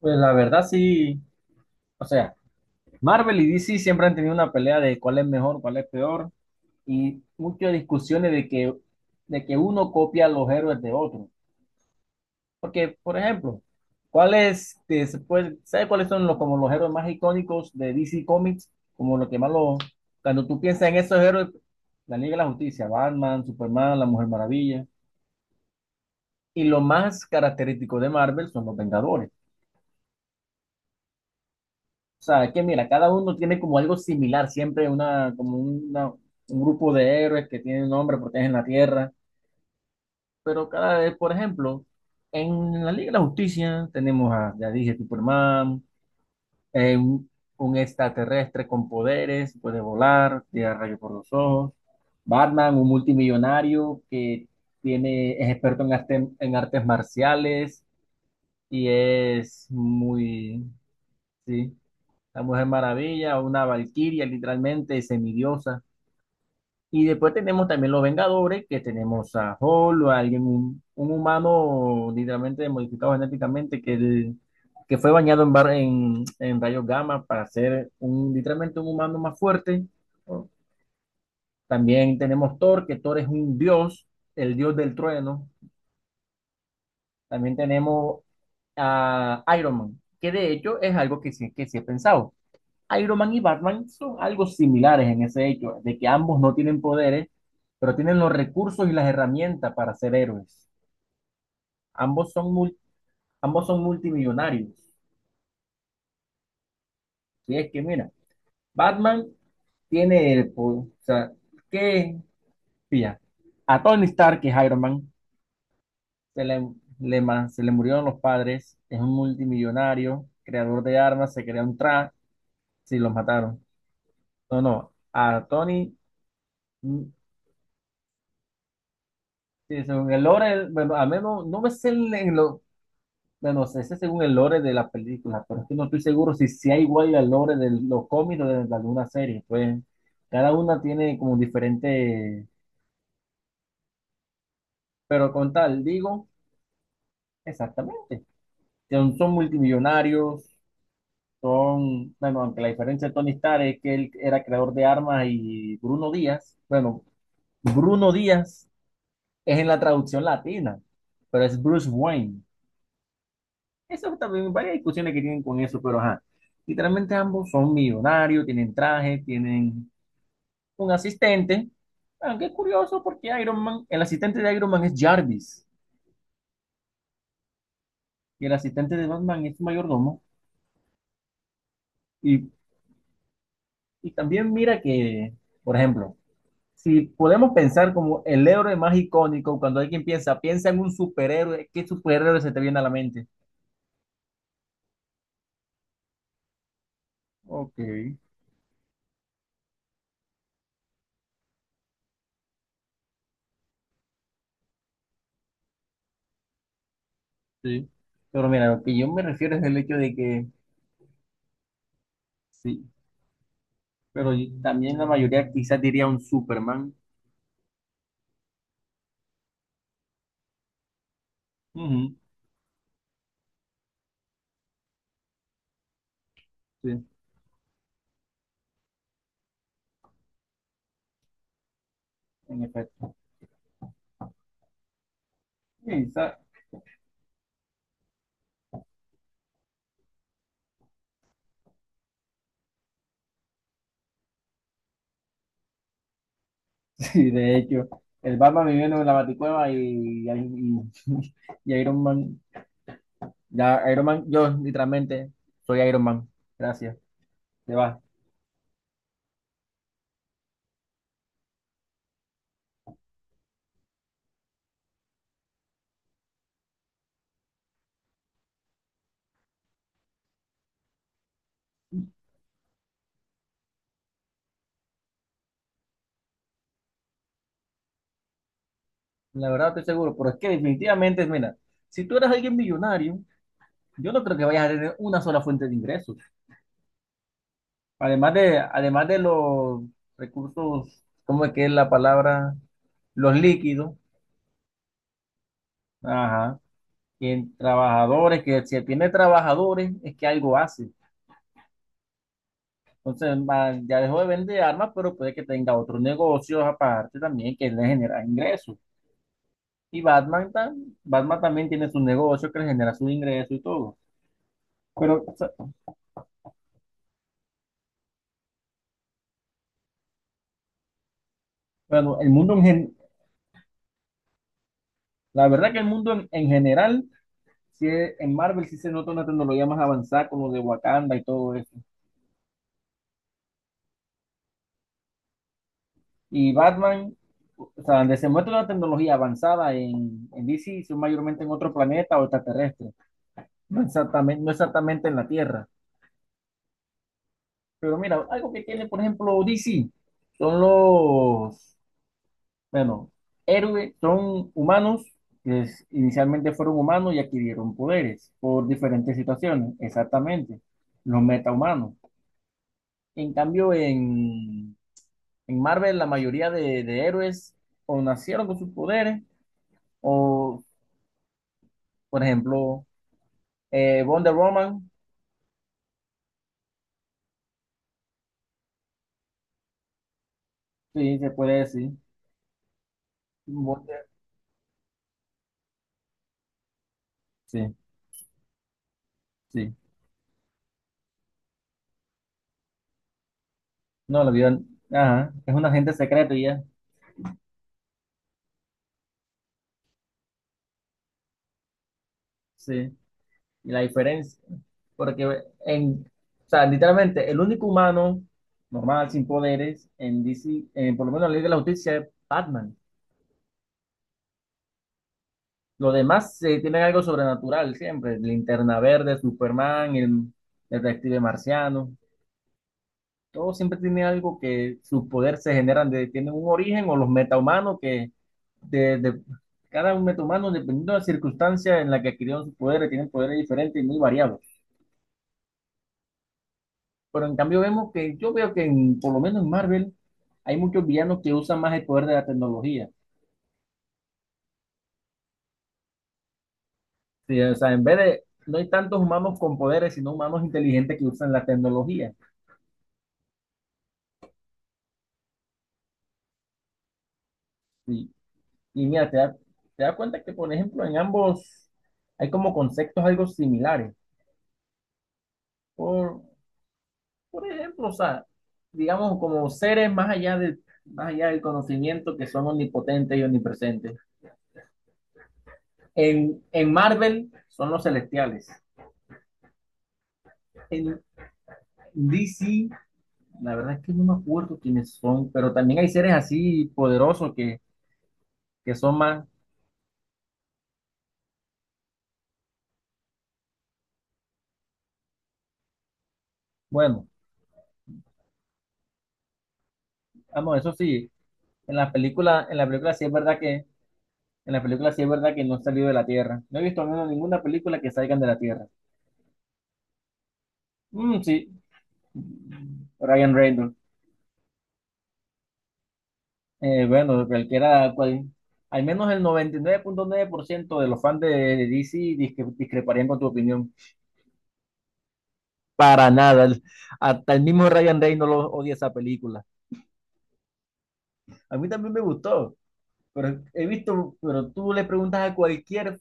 Pues la verdad sí, o sea, Marvel y DC siempre han tenido una pelea de cuál es mejor, cuál es peor, y muchas discusiones de que uno copia a los héroes de otro. Porque, por ejemplo, ¿cuáles, te- se puede- ¿sabes cuáles son los, como los héroes más icónicos de DC Comics? Como lo que más lo, Cuando tú piensas en esos héroes, la Liga de la Justicia, Batman, Superman, la Mujer Maravilla, y lo más característico de Marvel son los Vengadores. O sea, que mira, cada uno tiene como algo similar, siempre un grupo de héroes que tienen un nombre, protegen la tierra, pero cada vez, por ejemplo, en la Liga de la Justicia tenemos a, ya dije, Superman, eh, un, un extraterrestre con poderes, puede volar, tira rayos por los ojos. Batman, un multimillonario que tiene, es experto en artes marciales y es muy, sí. La Mujer Maravilla, una Valquiria, literalmente semidiosa. Y después tenemos también los Vengadores, que tenemos a Hulk, o a alguien, un humano literalmente modificado genéticamente, que fue bañado en rayos gamma para ser literalmente un humano más fuerte. También tenemos Thor, que Thor es un dios, el dios del trueno. También tenemos a Iron Man, que de hecho es algo que sí he pensado. Iron Man y Batman son algo similares en ese hecho, de que ambos no tienen poderes, pero tienen los recursos y las herramientas para ser héroes. Ambos son, mul- ambos son multimillonarios. Si es que, mira, Batman o sea, ¿qué? Pilla. A Tony Stark, que es Iron Man, se le, se le murieron los padres, es un multimillonario, creador de armas, se creó un tra, si los mataron. No, no. A Tony Sí, según el lore, bueno, al menos no me sé bueno, sé según el lore de la película, pero es que no estoy seguro si sea igual al lore de los cómics o de alguna serie, pues cada una tiene como diferente, pero con tal, digo, exactamente, son multimillonarios, son, bueno, aunque la diferencia de Tony Stark es que él era creador de armas y Bruno Díaz, bueno, Bruno Díaz es en la traducción latina, pero es Bruce Wayne. Eso también, varias discusiones que tienen con eso, pero ajá. Literalmente ambos son millonarios, tienen traje, tienen un asistente. Aunque es curioso porque Iron Man, el asistente de Iron Man es Jarvis, y el asistente de Batman es su mayordomo. Y, y también mira que, por ejemplo, si podemos pensar como el héroe más icónico, cuando alguien piensa, piensa en un superhéroe, ¿qué superhéroe se te viene a la mente? Ok, sí. Pero mira, lo que yo me refiero es el hecho de que sí, pero también la mayoría quizás diría un Superman, ujú, sí, en efecto. Quizás sí, de hecho, el Batman viviendo en la Baticueva y, y Iron Man. Ya, Iron Man, yo literalmente soy Iron Man. Gracias, te vas. La verdad estoy seguro, pero es que definitivamente, mira, si tú eres alguien millonario, yo no creo que vayas a tener una sola fuente de ingresos. Además de los recursos, ¿cómo es que es la palabra? Los líquidos. Ajá. Y en trabajadores, que si tiene trabajadores, es que algo hace. Entonces, ya dejó de vender armas, pero puede que tenga otros negocios aparte también que le genera ingresos. Y Batman, Batman también tiene su negocio que le genera sus ingresos y todo. Pero, o sea, bueno, el mundo en gen- la verdad que el mundo en general, sí en Marvel sí se nota una tecnología más avanzada como de Wakanda y todo eso. Y Batman, o sea, donde se muestra una tecnología avanzada en DC, son mayormente en otro planeta o extraterrestre. No exactamente, no exactamente en la Tierra. Pero mira, algo que tiene, por ejemplo, DC, son los, bueno, héroes, son humanos, inicialmente fueron humanos y adquirieron poderes por diferentes situaciones, exactamente, los metahumanos. En cambio, en Marvel, la mayoría de héroes o nacieron con sus poderes, o, por ejemplo, Wonder Woman, sí, se puede decir, Wonder, sí, sí. No, lo vio. Ajá. Es un agente secreto y ya. Sí. Y la diferencia. Porque en, o sea, literalmente, el único humano normal, sin poderes, en DC, por lo menos en la Liga de la Justicia, es Batman. Los demás tienen algo sobrenatural siempre. Linterna Verde, Superman, el detective marciano. Todo siempre tiene algo, que sus poderes se generan de, tienen un origen, o los metahumanos que de- cada un metahumano, dependiendo de la circunstancia en la que adquirieron sus poderes, tienen poderes diferentes y muy variados. Pero en cambio vemos que yo veo que en, por lo menos en Marvel hay muchos villanos que usan más el poder de la tecnología. Sí, o sea, en vez de, no hay tantos humanos con poderes, sino humanos inteligentes que usan la tecnología. Sí. Y mira, te das cuenta que, por ejemplo, en ambos hay como conceptos algo similares. Por, por ejemplo, o sea, digamos como seres más allá del conocimiento, que son omnipotentes y omnipresentes. En Marvel son los celestiales. En DC, la verdad es que no me acuerdo quiénes son, pero también hay seres así poderosos que son más, bueno, vamos, eso sí, en la película sí es verdad que, en la película sí es verdad que no han salido de la Tierra. No he visto ninguna, ninguna película que salgan de la Tierra. Mm, sí, Ryan Reynolds. Bueno, cualquiera, al menos el noventa y nueve punto nueve por ciento de los fans de DC discreparían con tu opinión. Para nada. Hasta el mismo Ryan Reynolds no lo- odia esa película. A mí también me gustó, pero he visto, pero tú le preguntas a cualquier,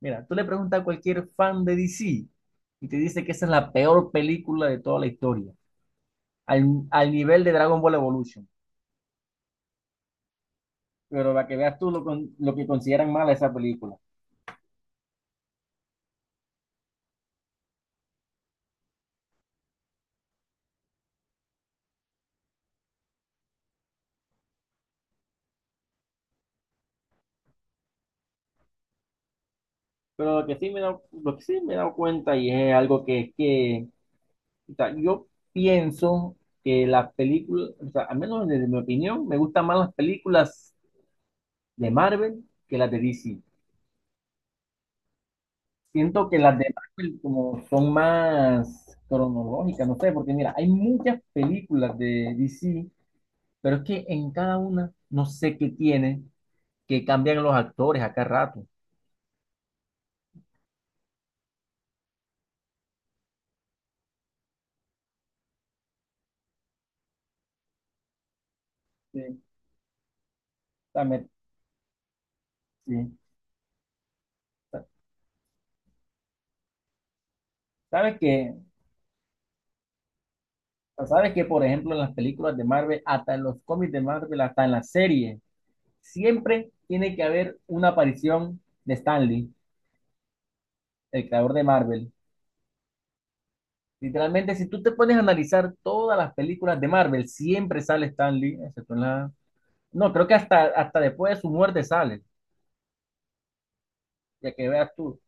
mira, tú le preguntas a cualquier fan de DC y te dice que esa es la peor película de toda la historia, al, al nivel de Dragon Ball Evolution. Pero para que veas tú lo que consideran mala esa película. Pero lo que sí me he dado, lo que sí me he dado cuenta, y es algo que o sea, yo, pienso que las películas, o sea, al menos desde mi opinión, me gustan más las películas de Marvel que las de DC. Siento que las de Marvel como son más cronológicas, no sé, porque mira, hay muchas películas de DC, pero es que en cada una no sé qué tiene, que cambian los actores a cada rato. Sí, también, sí. ¿Sabes qué? Sabes que, por ejemplo, en las películas de Marvel, hasta en los cómics de Marvel, hasta en las series, siempre tiene que haber una aparición de Stan Lee, el creador de Marvel. Literalmente, si tú te pones a analizar todas las películas de Marvel, siempre sale Stan Lee, excepto en la... No, creo que hasta después de su muerte sale, ya que veas tú.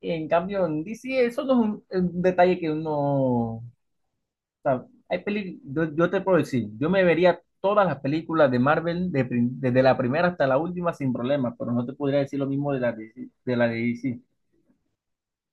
En cambio, en DC, eso no es un detalle que uno yo te puedo decir, yo me vería todas las películas de Marvel desde la primera hasta la última sin problemas, pero no te podría decir lo mismo de la de, DC.